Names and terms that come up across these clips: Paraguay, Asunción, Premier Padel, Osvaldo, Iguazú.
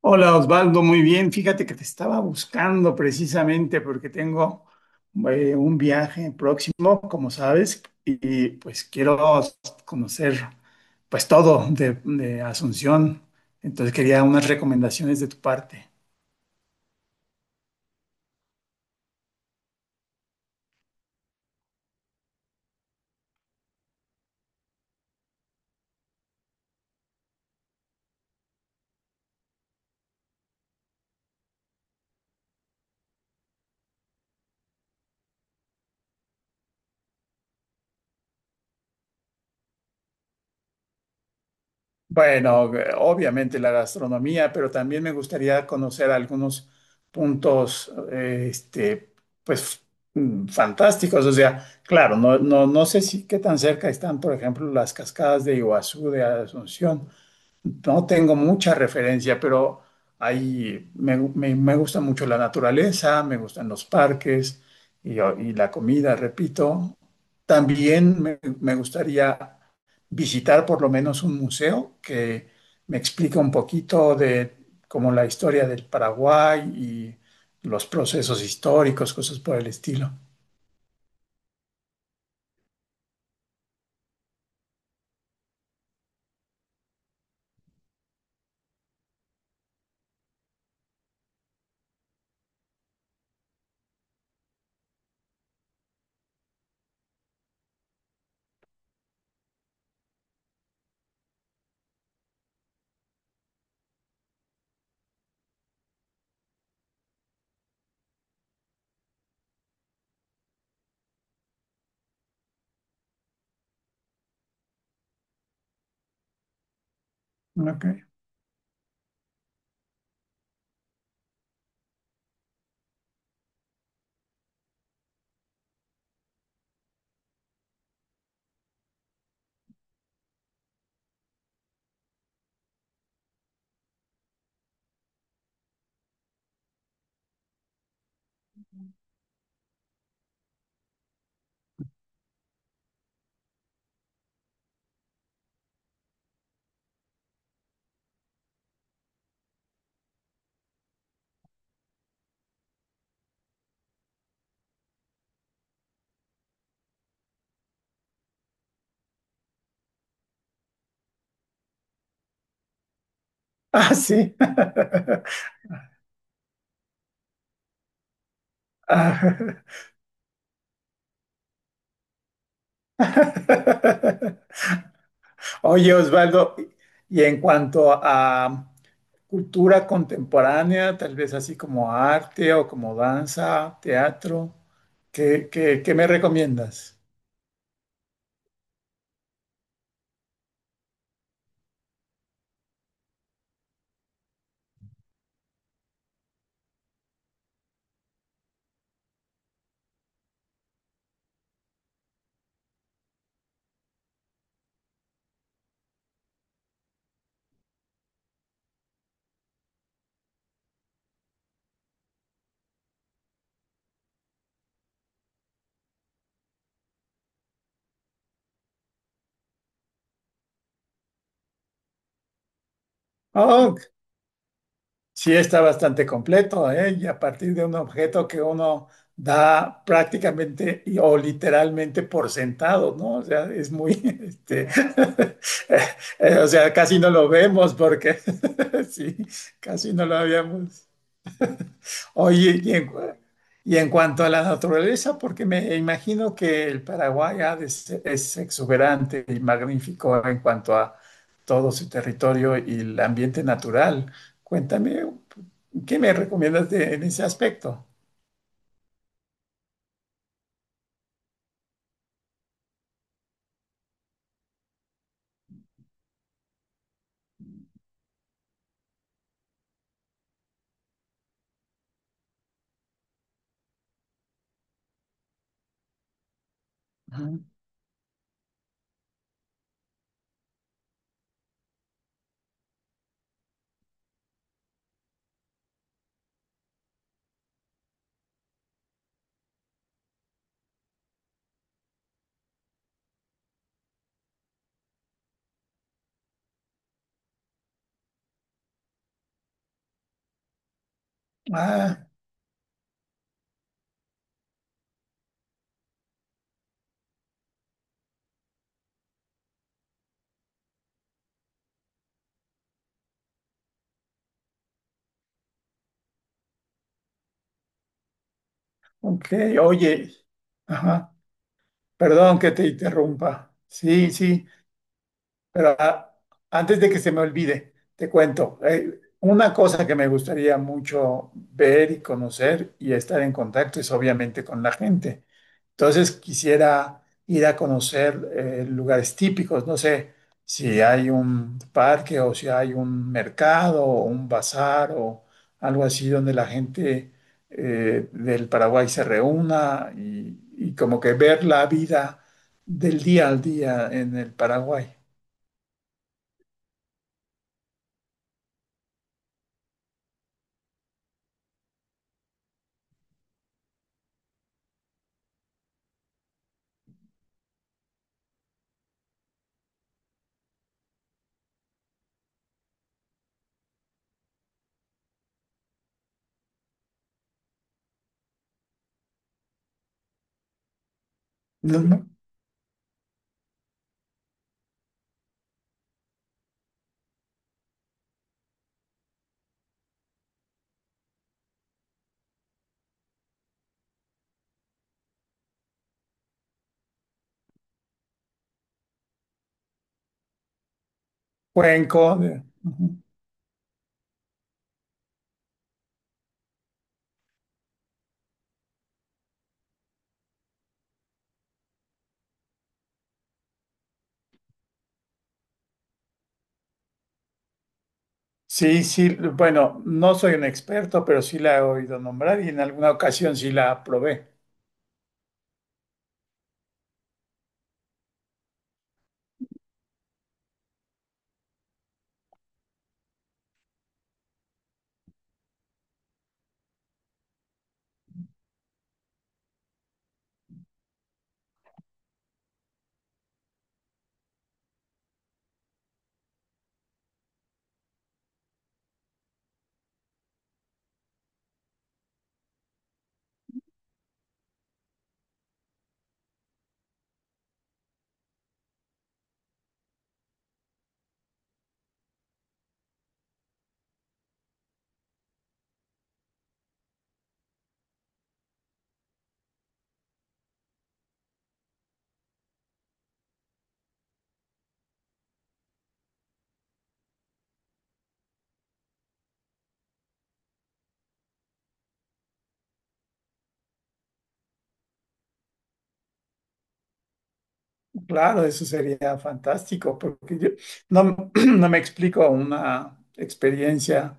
Hola Osvaldo, muy bien. Fíjate que te estaba buscando precisamente porque tengo un viaje próximo, como sabes, y, pues quiero conocer pues todo de Asunción. Entonces quería unas recomendaciones de tu parte. Bueno, obviamente la gastronomía, pero también me gustaría conocer algunos puntos, este, pues, mm, fantásticos. O sea, claro, no sé si qué tan cerca están, por ejemplo, las cascadas de Iguazú, de Asunción, no tengo mucha referencia, pero ahí me gusta mucho la naturaleza, me gustan los parques y la comida, repito. También me gustaría visitar por lo menos un museo que me explique un poquito de como la historia del Paraguay y los procesos históricos, cosas por el estilo. Ok. Ah, sí. Ah. Oye, Osvaldo, y en cuanto a cultura contemporánea, tal vez así como arte o como danza, teatro, qué me recomiendas? Oh, sí, está bastante completo, ¿eh? Y a partir de un objeto que uno da prácticamente y- o literalmente por sentado, ¿no? O sea, es muy, este, o sea, casi no lo vemos porque, sí, casi no lo habíamos. Oye, y en cuanto a la naturaleza, porque me imagino que el Paraguay ha es exuberante y magnífico en cuanto a todo su territorio y el ambiente natural. Cuéntame, ¿qué me recomiendas de- en ese aspecto? Ujú. Ah, ok, oye, ajá, perdón que te interrumpa. Sí, sí. Pero ah, antes de que se me olvide, te cuento, una cosa que me gustaría mucho ver y conocer y estar en contacto es obviamente con la gente. Entonces quisiera ir a conocer lugares típicos, no sé si hay un parque o si hay un mercado o un bazar o algo así donde la gente del Paraguay se reúna y como que ver la vida del día al día en el Paraguay. No, no, cuenco. De- ujú. Sí, sí, bueno, no soy un experto, pero sí la he oído nombrar y en alguna ocasión sí la probé. Claro, eso sería fantástico, porque yo no, no me explico una experiencia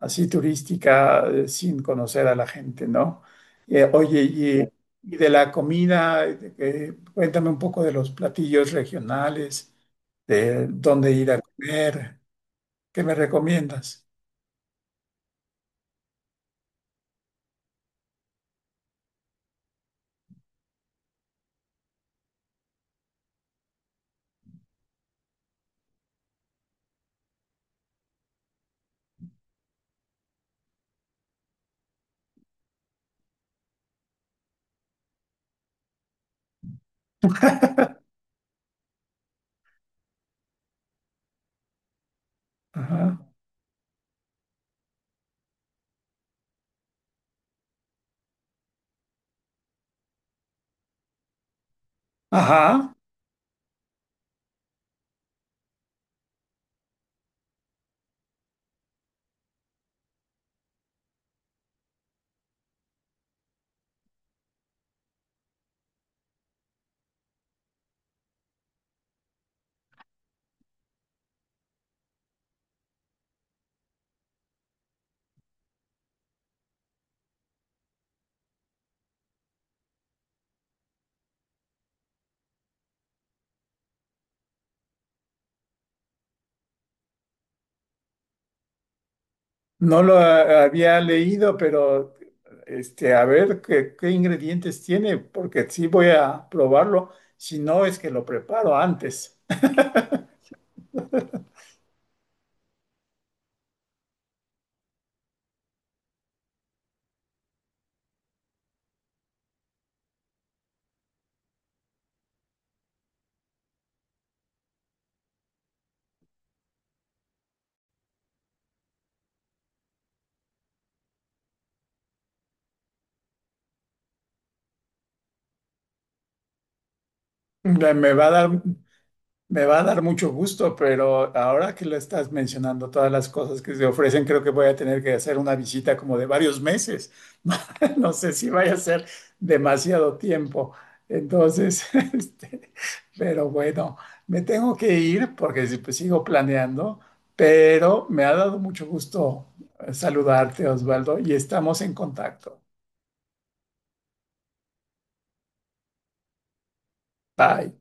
así turística sin conocer a la gente, ¿no? Oye, y de la comida, cuéntame un poco de los platillos regionales, de dónde ir a comer, ¿qué me recomiendas? Ajá. Ajá. No lo ha- había leído, pero este, a ver qué ingredientes tiene, porque sí voy a probarlo. Si no, es que lo preparo antes. Me me va a dar Me va a dar mucho gusto, pero ahora que lo estás mencionando, todas las cosas que se ofrecen, creo que voy a tener que hacer una visita como de varios meses. No sé si vaya a ser demasiado tiempo. Entonces, este, pero bueno, me tengo que ir porque si- pues, sigo planeando, pero me ha dado mucho gusto saludarte, Osvaldo, y estamos en contacto. Bye.